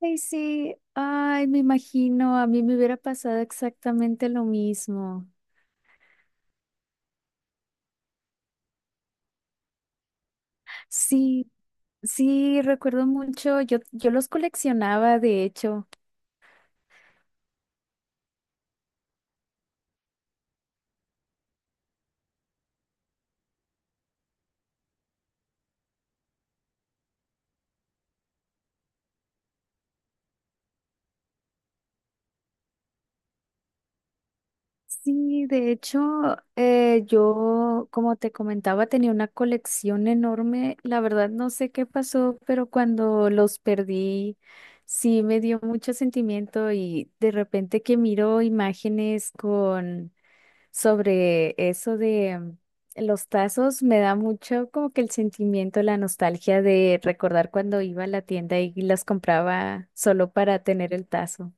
Ay, sí, ay, me imagino, a mí me hubiera pasado exactamente lo mismo. Sí, sí, recuerdo mucho, yo los coleccionaba, de hecho. Sí, de hecho, yo, como te comentaba, tenía una colección enorme. La verdad, no sé qué pasó, pero cuando los perdí, sí me dio mucho sentimiento y de repente que miro imágenes sobre eso de los tazos, me da mucho como que el sentimiento, la nostalgia de recordar cuando iba a la tienda y las compraba solo para tener el tazo.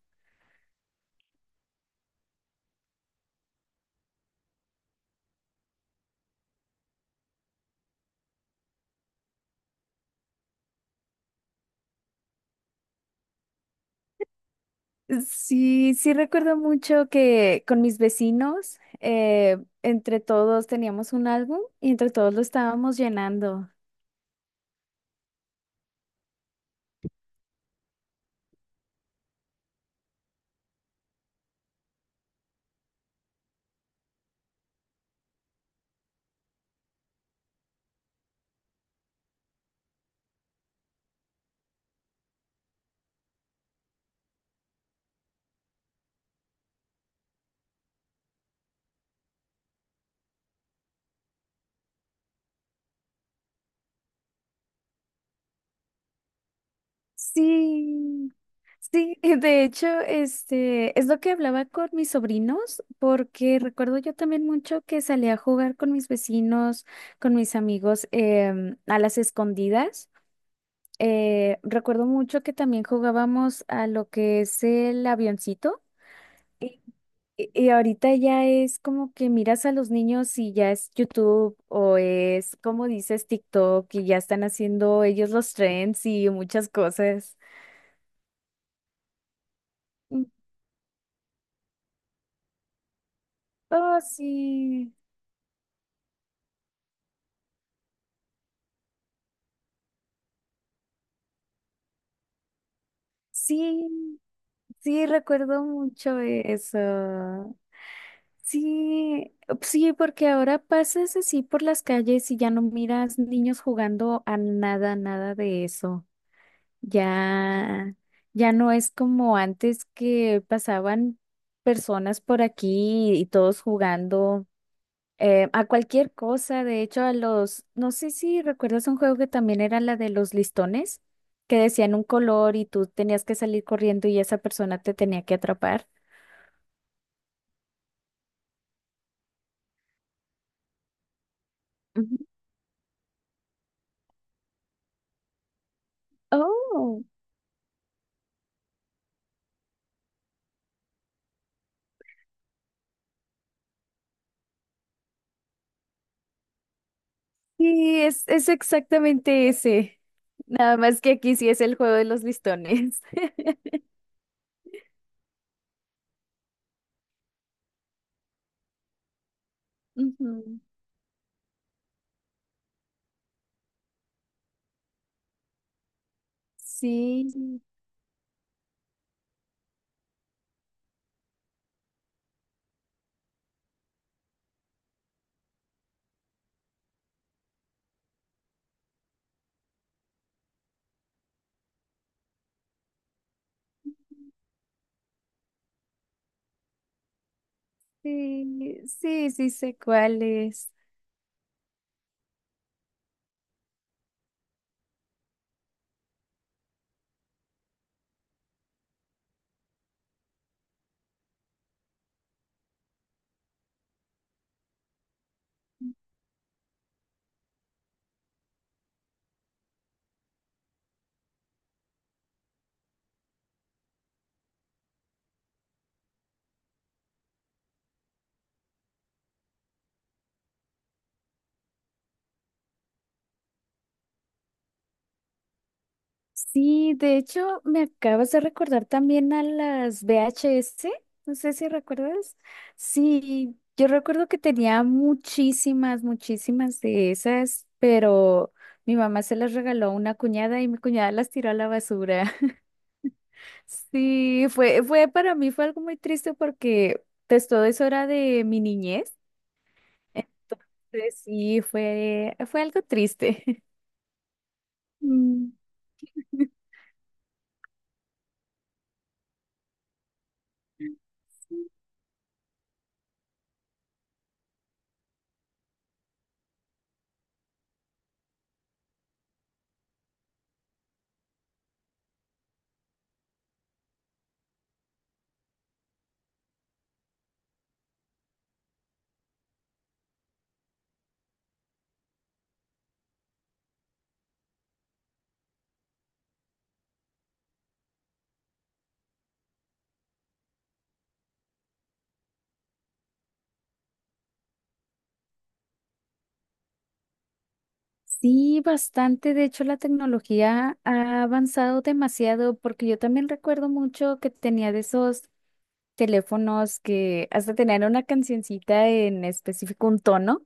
Sí, sí recuerdo mucho que con mis vecinos, entre todos teníamos un álbum y entre todos lo estábamos llenando. Sí. Sí, de hecho, este es lo que hablaba con mis sobrinos, porque recuerdo yo también mucho que salía a jugar con mis vecinos, con mis amigos a las escondidas. Recuerdo mucho que también jugábamos a lo que es el avioncito. Y, y ahorita ya es como que miras a los niños y ya es YouTube o es, como dices, TikTok y ya están haciendo ellos los trends y muchas cosas. Mm. Oh, sí. Sí, sí, recuerdo mucho eso. Sí, sí, porque ahora pasas así por las calles y ya no miras niños jugando a nada, nada de eso. Ya, ya no es como antes que pasaban personas por aquí y todos jugando a cualquier cosa, de hecho, a los, no sé si recuerdas un juego que también era la de los listones, que decían un color y tú tenías que salir corriendo y esa persona te tenía que atrapar. Ujú. Oh, sí, es exactamente ese. Nada más que aquí sí es el juego de los listones. Ujú. Sí, sí, sí, sí sé cuál es. Sí, de hecho, me acabas de recordar también a las VHS, no sé si recuerdas. Sí, yo recuerdo que tenía muchísimas, muchísimas de esas, pero mi mamá se las regaló a una cuñada y mi cuñada las tiró a la basura. Sí, fue, fue para mí fue algo muy triste porque pues, todo eso era de mi niñez. Entonces, sí, fue, fue algo triste. Mm. Sí, bastante. De hecho, la tecnología ha avanzado demasiado porque yo también recuerdo mucho que tenía de esos teléfonos que hasta tenían una cancioncita en específico, un tono,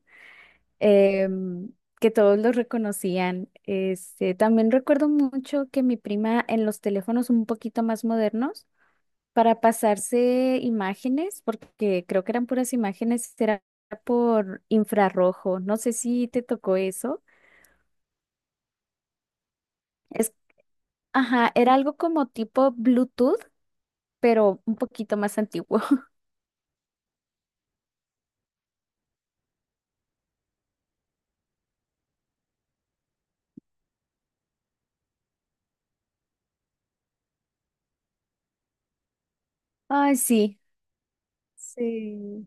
em, que todos los reconocían. Este, también recuerdo mucho que mi prima en los teléfonos un poquito más modernos, para pasarse imágenes, porque creo que eran puras imágenes, era por infrarrojo. No sé si te tocó eso. Ajá, era algo como tipo Bluetooth, pero un poquito más antiguo. Ay, sí. Sí.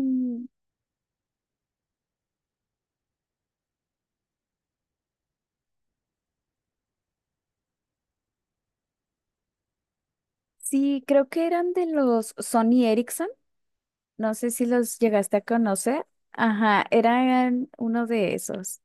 Mm, Sí, creo que eran de los Sony Ericsson. No sé si los llegaste a conocer. Ajá, eran uno de esos.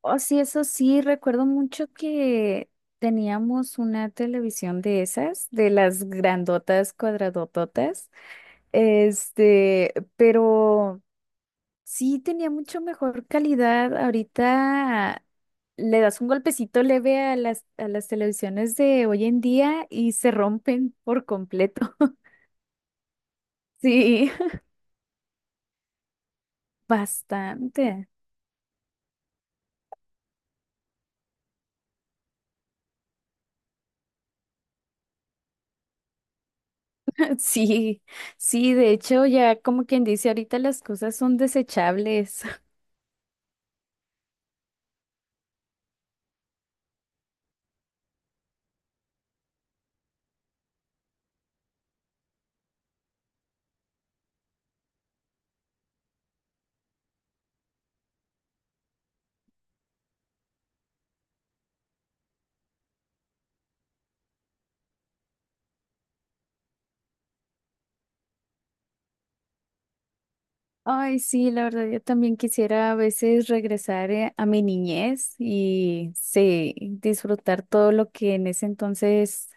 Oh, sí, eso sí, recuerdo mucho que teníamos una televisión de esas, de las grandotas, cuadradototas. Este, pero. Sí, tenía mucho mejor calidad. Ahorita le das un golpecito leve a las televisiones de hoy en día y se rompen por completo. Sí, bastante. Sí, sí, de hecho ya como quien dice, ahorita las cosas son desechables. Ay, sí, la verdad yo también quisiera a veces regresar a mi niñez y sí, disfrutar todo lo que en ese entonces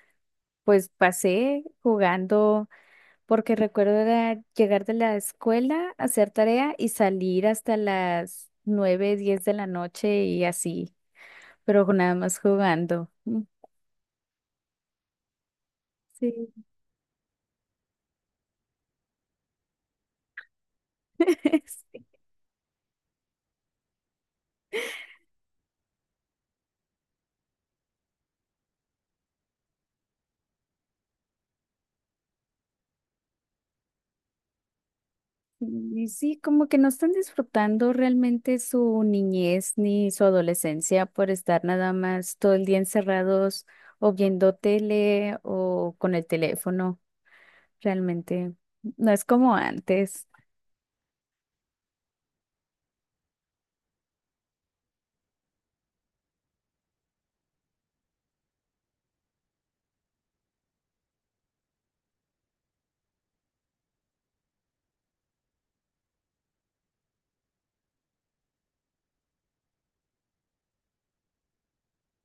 pues pasé jugando. Porque recuerdo era llegar de la escuela, hacer tarea y salir hasta las 9, 10 de la noche y así, pero nada más jugando. Mm. Sí. Sí. Y sí, como que no están disfrutando realmente su niñez ni su adolescencia por estar nada más todo el día encerrados o viendo tele o con el teléfono. Realmente no es como antes.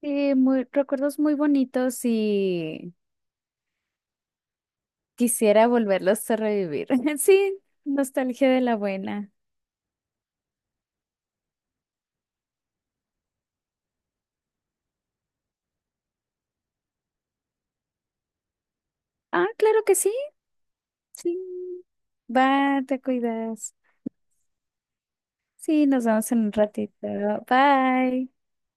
Sí, muy, recuerdos muy bonitos y quisiera volverlos a revivir. Sí, nostalgia de la buena. Ah, claro que sí. Sí. Va, te cuidas. Sí, nos vemos en un ratito. Bye.